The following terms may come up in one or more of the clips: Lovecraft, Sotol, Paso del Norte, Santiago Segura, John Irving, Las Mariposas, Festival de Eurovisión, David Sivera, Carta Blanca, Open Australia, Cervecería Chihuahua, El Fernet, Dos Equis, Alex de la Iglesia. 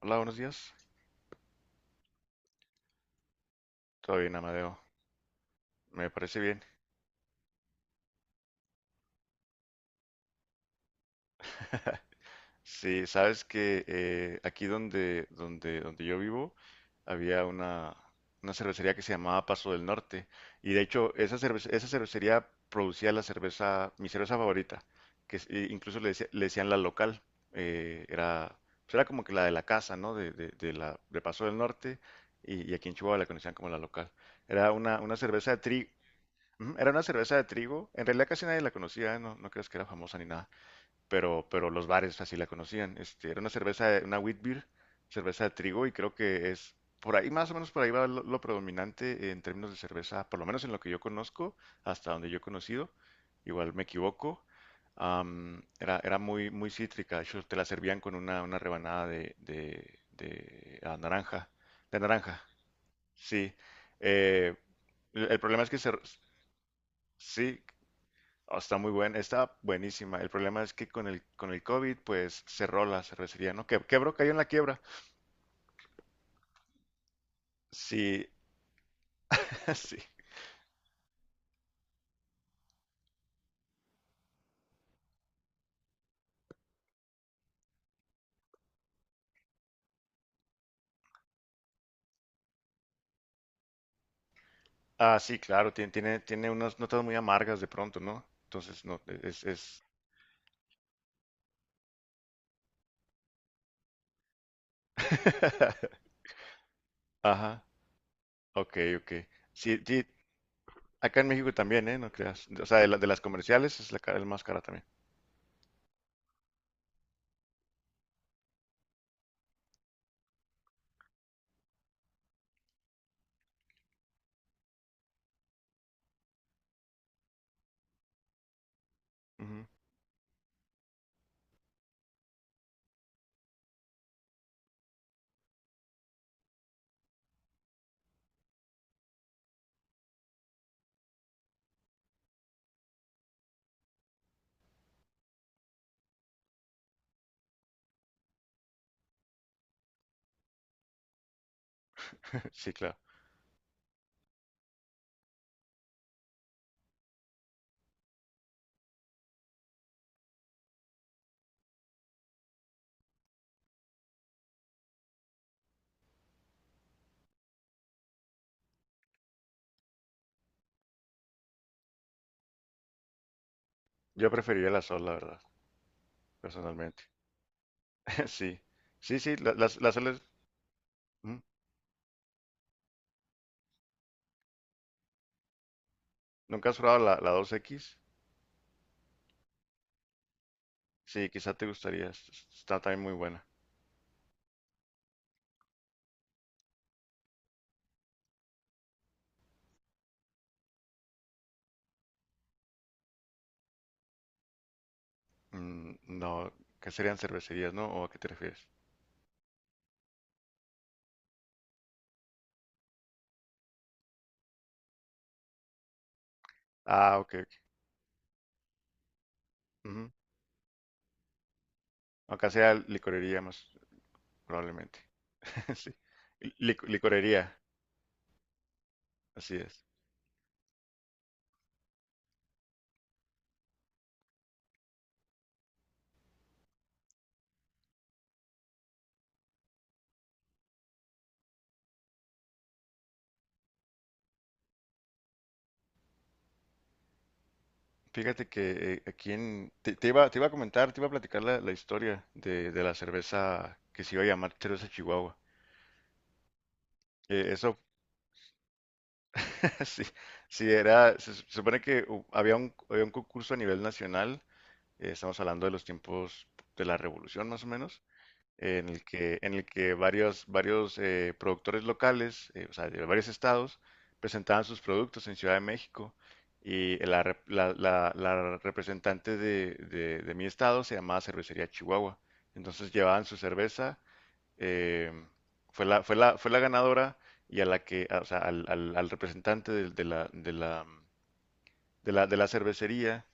Hola, buenos días. Todo bien, Amadeo. Me parece bien. Sí, sabes que aquí donde yo vivo había una cervecería que se llamaba Paso del Norte. Y de hecho, esa cervecería producía la cerveza, mi cerveza favorita, e incluso le decían la local. Eh, era, pues era como que la de la casa, ¿no? De de Paso del Norte. Y aquí en Chihuahua la conocían como la local. Era una cerveza de trigo. Ujú. Era una cerveza de trigo. En realidad casi nadie la conocía, no, no creas que era famosa ni nada. Pero los bares así la conocían. Este, era una cerveza, una wheat beer, cerveza de trigo, y creo que es por ahí, más o menos por ahí va lo predominante en términos de cerveza, por lo menos en lo que yo conozco, hasta donde yo he conocido. Igual me equivoco. Era muy cítrica. De hecho, te la servían con una rebanada de naranja. De naranja, sí. Eh, el problema es que se... Sí. Oh, está muy buena, está buenísima. El problema es que con con el COVID, pues cerró la cervecería, ¿no? Que, quebró, cayó en la quiebra. Sí, sí. Ah, sí, claro, tiene unas notas muy amargas de pronto, ¿no? Entonces, no, es... Ajá, ok, ok. Sí, sí, acá en México también, ¿eh? No creas. O sea, de las comerciales es la más cara también. Ujú. Sí, claro. Yo preferiría la sol, la verdad, personalmente. Sí, sí, sí, la sol es... Ujú. ¿Nunca has probado la dos x? Sí, quizá te gustaría, está también muy buena. Mm, no, ¿qué serían cervecerías, no? ¿O a qué te refieres? Ah, ok, ok. Ujú. Acá sea licorería más probablemente. Sí, licorería, así es. Fíjate que aquí en... Te iba a comentar, te iba a platicar la historia de la cerveza que se iba a llamar cerveza Chihuahua. Eso... Sí, sí, era, se supone que había un concurso a nivel nacional, estamos hablando de los tiempos de la revolución más o menos, en el que varios productores locales, o sea, de varios estados, presentaban sus productos en Ciudad de México y la representante de mi estado se llamaba Cervecería Chihuahua, entonces llevaban su cerveza eh, fue la ganadora y a la que, o sea, al representante de la cervecería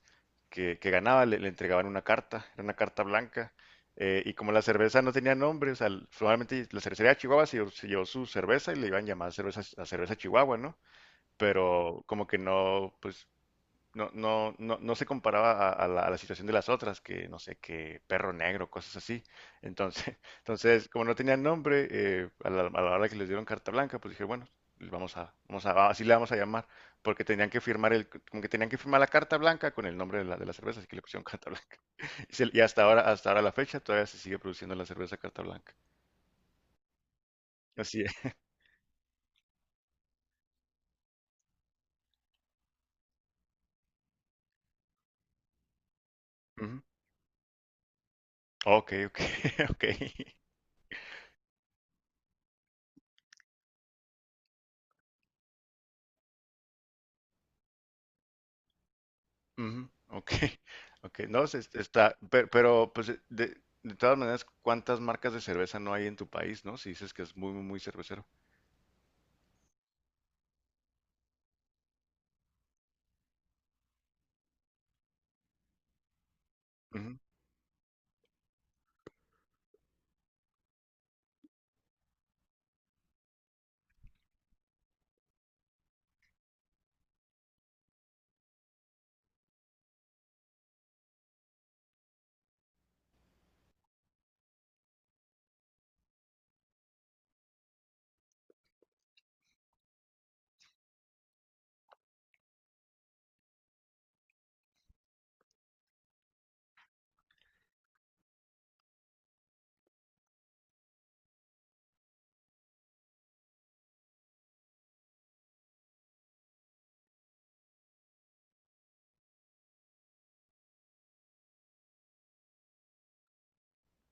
que ganaba le entregaban una carta, era una carta blanca. Eh, y como la cerveza no tenía nombre, o sea, probablemente la cervecería de Chihuahua se llevó su cerveza y le iban a llamar cerveza, a cerveza Chihuahua, ¿no? Pero como que no, pues no, no, no, no se comparaba a a la situación de las otras, que no sé, que perro negro, cosas así. Entonces, entonces como no tenían nombre, a a la hora que les dieron carta blanca, pues dije, bueno, así le vamos a llamar, porque tenían que firmar el, como que tenían que firmar la carta blanca con el nombre de de la cerveza, así que le pusieron carta blanca. Y, hasta ahora la fecha, todavía se sigue produciendo la cerveza carta blanca. Así es. Ujú. Ok, ok, ok. Ujú, ok, ok, no, pero, pues de todas maneras, ¿cuántas marcas de cerveza no hay en tu país, no? Si dices que es muy cervecero. Ujú,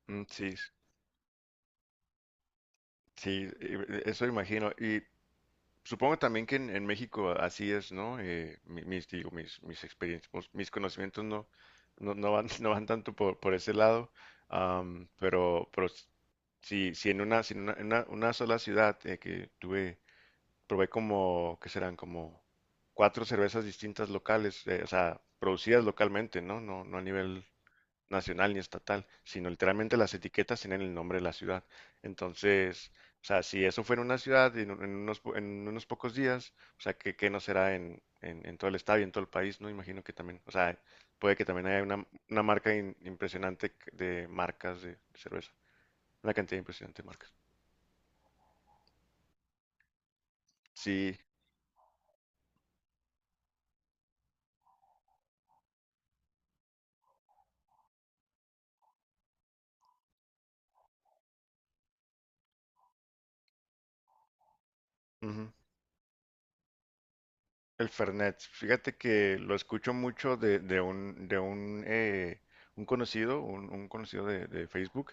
mm, sí, sí, eso imagino. Y supongo también que en México así es, ¿no? Mis experiencias, pues, mis conocimientos no, no van, no van tanto por ese lado, am, pero, si, una sola ciudad que tuve probé como, ¿qué serán? Como cuatro cervezas distintas locales, o sea, producidas localmente, ¿no? No, no a nivel nacional ni estatal, sino literalmente las etiquetas tienen el nombre de la ciudad. Entonces, o sea, si eso fuera en una ciudad en, en unos pocos días, o sea, ¿qué, qué no será en, en todo el estado y en todo el país, ¿no? Imagino que también, o sea, puede que también haya una marca impresionante de marcas de cerveza, una cantidad impresionante de marcas. Sí, el Fernet, fíjate que lo escucho mucho de, un conocido, un conocido de Facebook.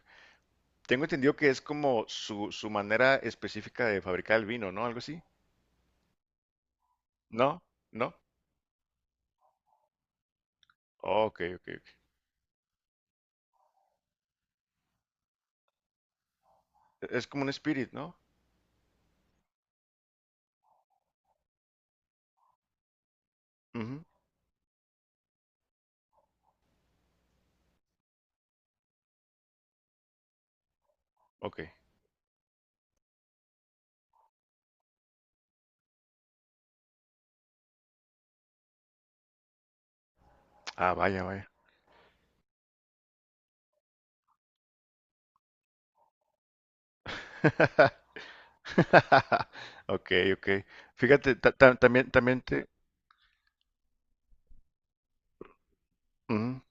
Tengo entendido que es como su manera específica de fabricar el vino, ¿no? Algo así. ¿No? ¿No? Oh, ok, ok, ok. Es como un spirit, ¿no? Ujú, ok. Ah, vaya, vaya. Ok, ok. Fíjate, también te... Ujú,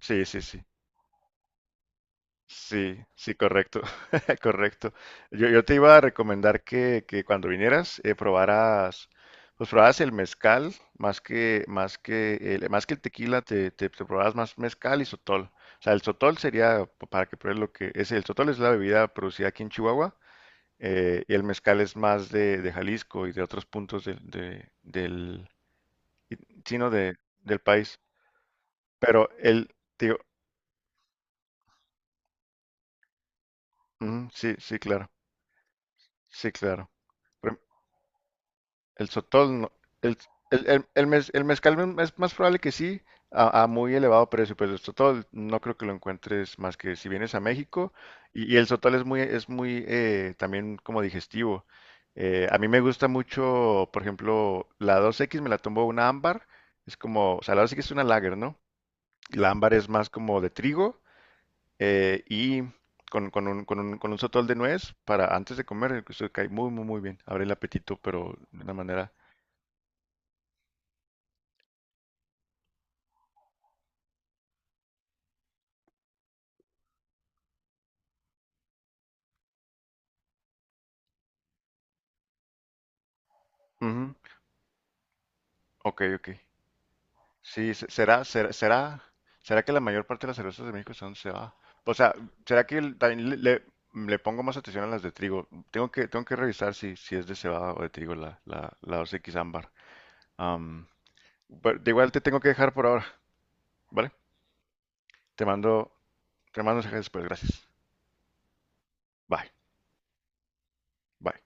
sí, sí, sí. Sí, sí, correcto, correcto. Yo te iba a recomendar que cuando vinieras probaras, pues probaras el mezcal más que el tequila, te probaras más mezcal y sotol. O sea, el sotol sería p- para que pruebes lo que es el sotol, es la bebida producida aquí en Chihuahua y el mezcal es más de Jalisco y de otros puntos del sino de del país. Pero el tío, sí, sí, claro, sí, claro. El sotol, no, el, el mezcal mm, es más probable que sí, a muy elevado precio, pero el sotol no creo que lo encuentres más que si vienes a México. Y el sotol es muy también como digestivo. A mí me gusta mucho, por ejemplo, la dos x me la tomó una ámbar. Es como, o sea, la dos x es una lager, ¿no? La ámbar es más como de trigo y con un sotol de nuez para antes de comer, eso cae muy bien. Abre el apetito, pero de una manera. Ujú. Ok, ok. Sí, será que la mayor parte de las cervezas de México son se va. O sea, será que también le pongo más atención a las de trigo. Tengo que revisar si, si es de cebada o de trigo la Dos x ámbar. Am, pero de igual te tengo que dejar por ahora, ¿vale? Te mando, te mando mensajes después, gracias. Bye, bye.